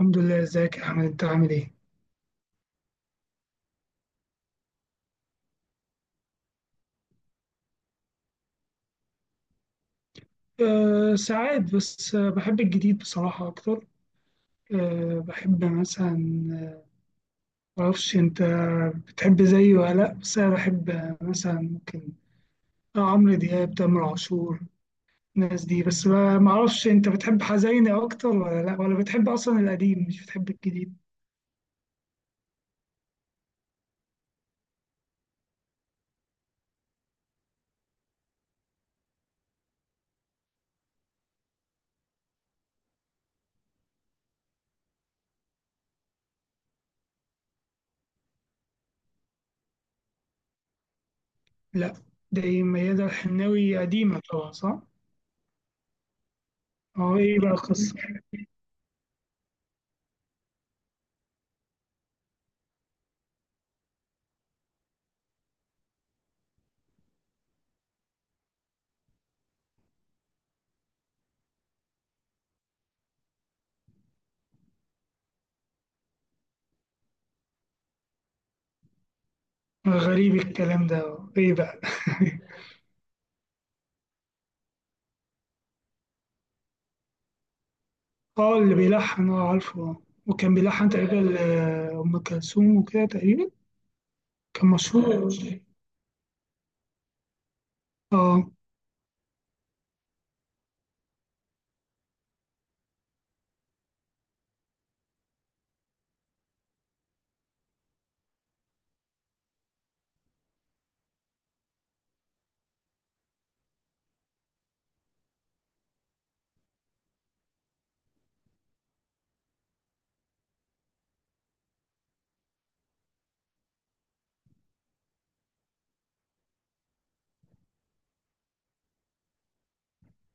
الحمد لله، ازيك يا احمد؟ انت عامل ايه؟ أه ساعات بس، بحب الجديد بصراحة اكتر. أه بحب مثلا. معرفش انت بتحب زيي ولا لا، بس انا بحب مثلا ممكن عمرو دياب، تامر عاشور، الناس دي. بس ما معرفش انت بتحب حزينة اكتر ولا لا، ولا بتحب اصلا القديم مش بتحب الجديد؟ لا. ده إيه، ميادة الحناوي قديمة طبعا، صح؟ هو ايه بقى القصة؟ غريب الكلام ده، ايه بقى؟ اه، اللي بيلحن، اه عارفه، اه. وكان بيلحن تقريبا أم كلثوم وكده تقريبا. كان مشهور أوي. اه،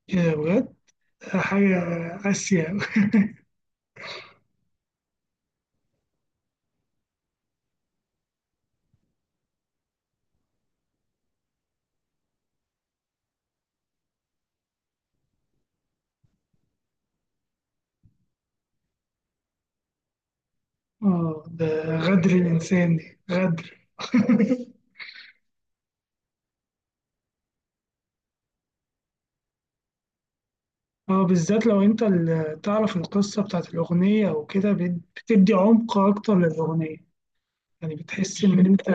يا بجد، حاجة قاسية. اه ده غدر الإنسان، دي غدر. اه بالذات لو انت تعرف القصة بتاعت الأغنية أو كده، بتدي عمق أكتر للأغنية. يعني بتحس إن انت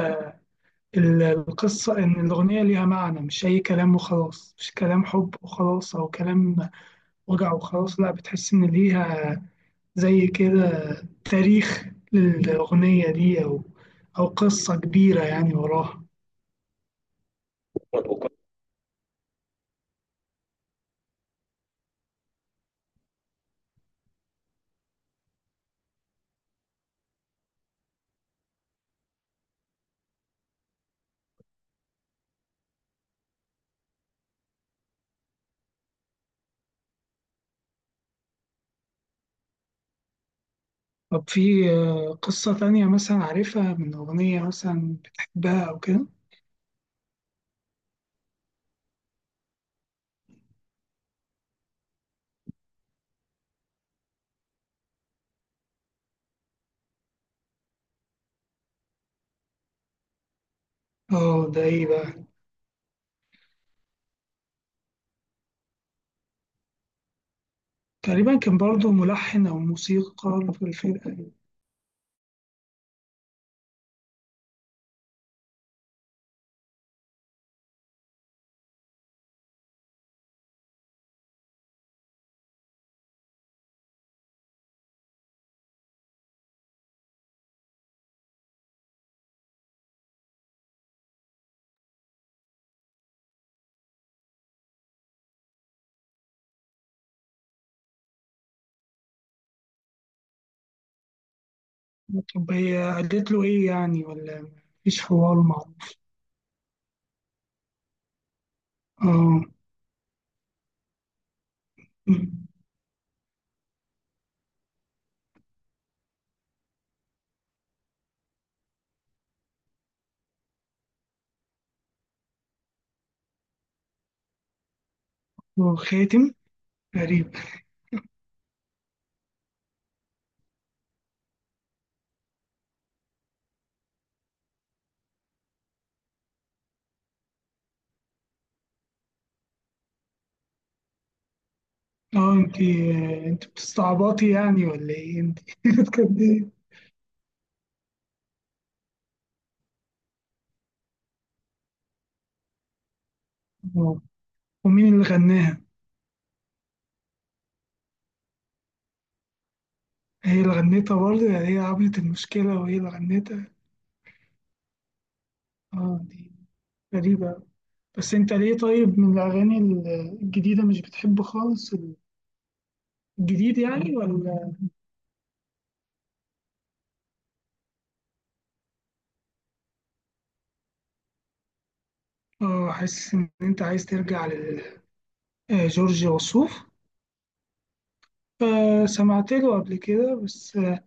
القصة إن الأغنية ليها معنى، مش أي كلام وخلاص، مش كلام حب وخلاص أو كلام وجع وخلاص. لا، بتحس إن ليها زي كده تاريخ للأغنية دي، أو أو قصة كبيرة يعني وراها. طب في قصة تانية مثلا عارفها من أغنية مثلا بتحبها أو كده؟ اه ده ايه بقى؟ تقريبا كان برضه ملحن أو موسيقار في الفرقة. طب هي قالت له ايه يعني، ولا مفيش حوار مع؟ اه، هو خاتم؟ غريب. اه انتي انت بتستعبطي يعني ولا ايه انت؟ كانت إيه؟ آه. ومين اللي غناها؟ هي اللي غنتها برضه؟ يعني هي عملت المشكلة وهي اللي غنتها؟ اه دي غريبة أوي. بس انت ليه طيب من الأغاني الجديدة مش بتحب خالص؟ الجديد يعني، ولا؟ اه حاسس إن أنت عايز ترجع لجورج وسوف. سمعت له قبل كده، بس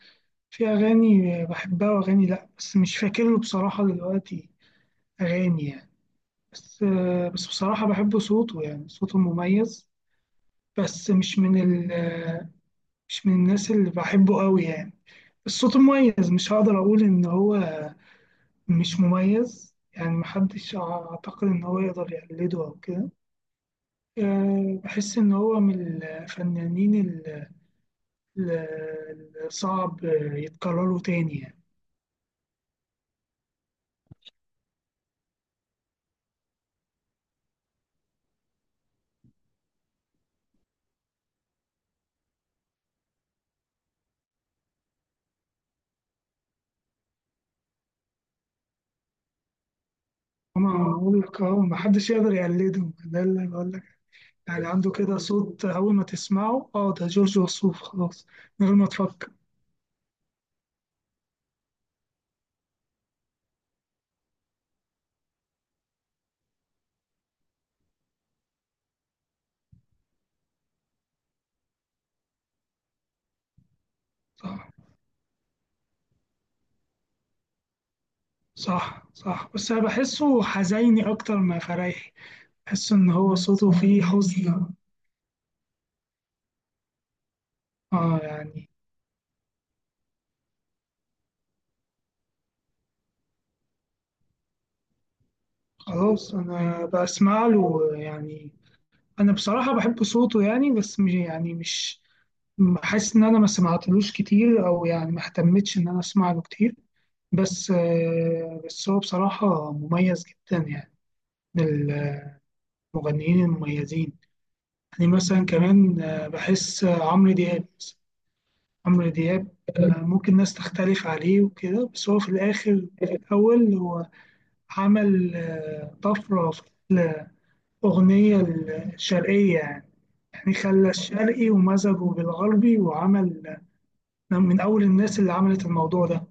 في أغاني بحبها وأغاني لأ، بس مش فاكر له بصراحة دلوقتي أغاني يعني. بس بس بصراحة بحب صوته، يعني صوته مميز. بس مش من ال آه، مش من الناس اللي بحبه قوي يعني. الصوت مميز، مش هقدر أقول إن هو مش مميز. يعني محدش أعتقد إن هو يقدر يقلده أو كده. بحس إن هو من الفنانين الصعب يتكرروا تاني يعني. أنا بقول لك أهو محدش يقدر يقلده، ده اللي بقول لك. يعني عنده كده صوت، أول ما تسمعه أه ده جورج وسوف خلاص، من غير ما تفكر. صح صح صح، بس أنا بحسه حزيني أكتر ما فريحي. بحس إن هو صوته فيه حزن. اه يعني خلاص انا بسمع له يعني. انا بصراحه بحب صوته يعني، بس مش يعني، مش حاسس ان انا ما سمعتلوش كتير، او يعني ما اهتمتش ان انا اسمع له كتير. بس بس هو بصراحه مميز جدا يعني، من المغنيين المميزين. يعني مثلا كمان بحس عمرو دياب مثلاً. عمرو دياب ممكن ناس تختلف عليه وكده، بس هو في الاخر، في الاول هو عمل طفره في الاغنيه الشرقيه يعني. يعني خلى الشرقي ومزجه بالغربي، وعمل من أول الناس اللي عملت الموضوع ده.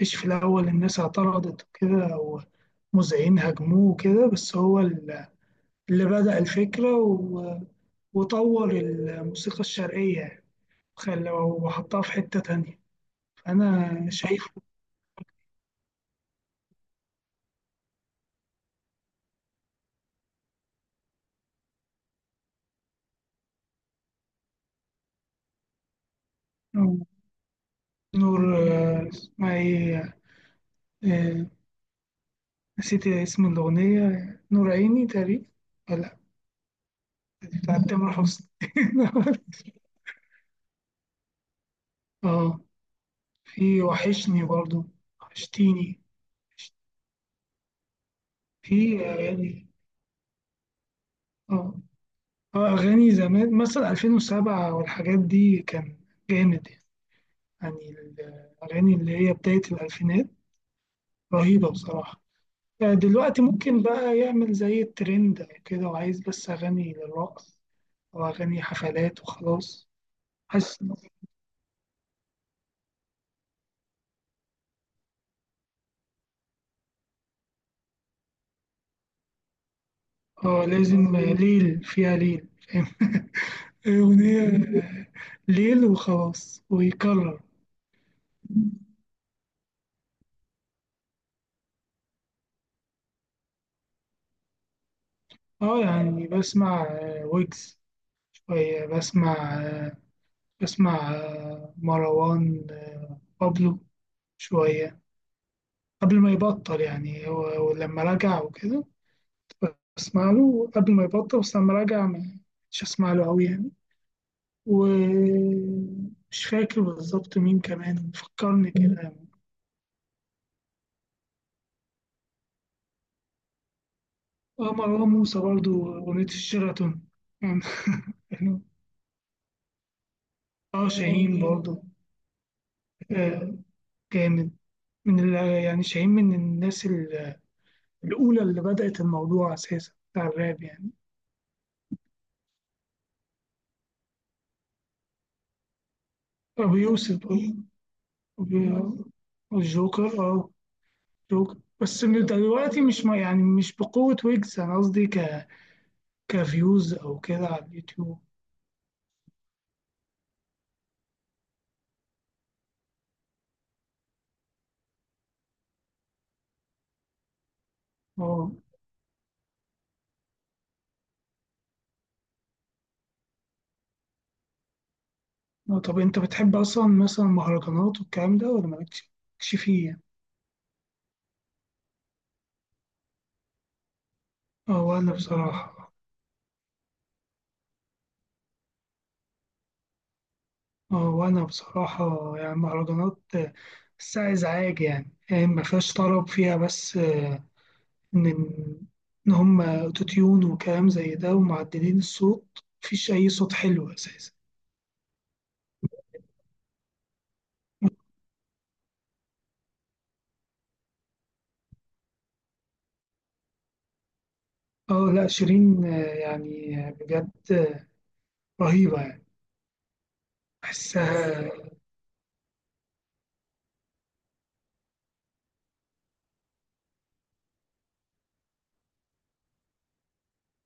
مش في الأول الناس اعترضت كده ومذيعين هاجموه كده، بس هو اللي بدأ الفكرة و- وطور الموسيقى الشرقية يعني، خلى وحطها في حتة تانية. فأنا شايف إنه نور، اسمها إيه، آه، نسيت اسم الأغنية، نور عيني تقريبا، ولا بتاعت تامر حسني. اه في وحشني برضو، وحشتيني. في أغاني، اه أغاني زمان مثلا 2007 والحاجات دي كان جامد يعني. الأغاني اللي هي بداية الألفينات رهيبة بصراحة. دلوقتي ممكن بقى يعمل زي الترند أو كده، وعايز بس أغاني للرقص أو أغاني حفلات وخلاص. حاسس إن- اه لازم ليل فيها، ليل فاهم. أغنية ليل وخلاص، ويكرر. اه يعني بسمع ويجز شوية، بسمع مروان بابلو شوية قبل ما يبطل يعني هو، ولما رجع وكده بسمع له قبل ما يبطل، بس لما رجع ما- مش اسمع له أوي يعني. ومش فاكر بالظبط مين كمان فكرني كده. اه مروان موسى برضو، أغنية الشيراتون يعني. اه شاهين برضو آه، جامد. من يعني شاهين من الناس الأولى اللي بدأت الموضوع أساسا بتاع الراب يعني. أبو يوسف أه. أبو- الجوكر أه. جوكر بس من دلوقتي، مش ما يعني مش بقوة. ويجز أنا قصدي، ك كفيوز أو كده على اليوتيوب. أه طب أنت بتحب أصلا مثلا مهرجانات والكلام ده، ولا مالكش فيه يعني؟ أه وأنا بصراحة. اه وانا بصراحة يعني مهرجانات بحسها ازعاج يعني. يعني ما فيهاش طرب فيها، بس ان ان هم اوتوتيون وكلام زي ده ومعدلين الصوت، مفيش اي صوت حلو اساسا. اه لا شيرين يعني بجد رهيبة يعني. بحسها.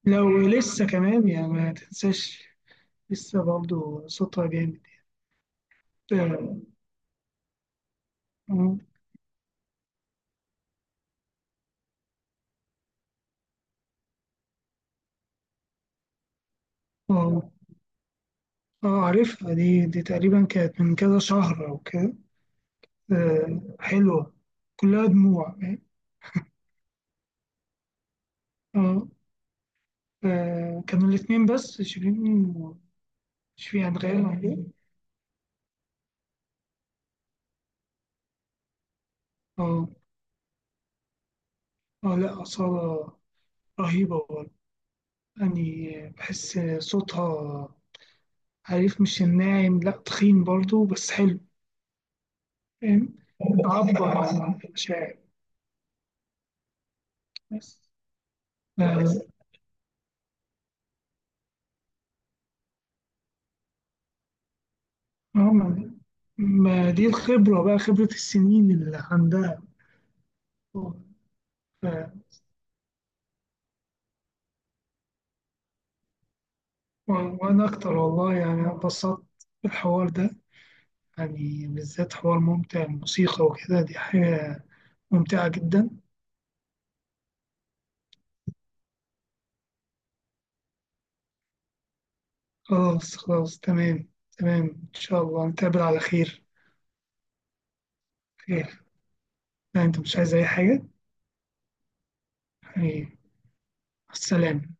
لو لسه كمان يعني ما تنساش، لسه برضه صوتها جامد. اه اه عارفها دي، تقريبا كانت من كذا شهر او كده. حلوة، كلها دموع فاهم؟ اه كانوا الاتنين بس شيرين وشفيع أندرية يعني. اه اه لا أصالة رهيبة برضه يعني. بحس صوتها، عارف مش الناعم، لا تخين برضه بس حلو. فاهم، بتعبر عن المشاعر بس. آه، آه، ما ما دي الخبرة بقى، خبرة السنين اللي عندها ف-. و- وأنا أكتر والله يعني، أنا اتبسطت بالحوار ده. يعني بالذات حوار ممتع، الموسيقى وكده دي حاجة ممتعة جدا. خلاص خلاص تمام. تمام إن شاء الله نتقابل على خير. خير. لا أنت مش عايز أي حاجة يعني. السلام.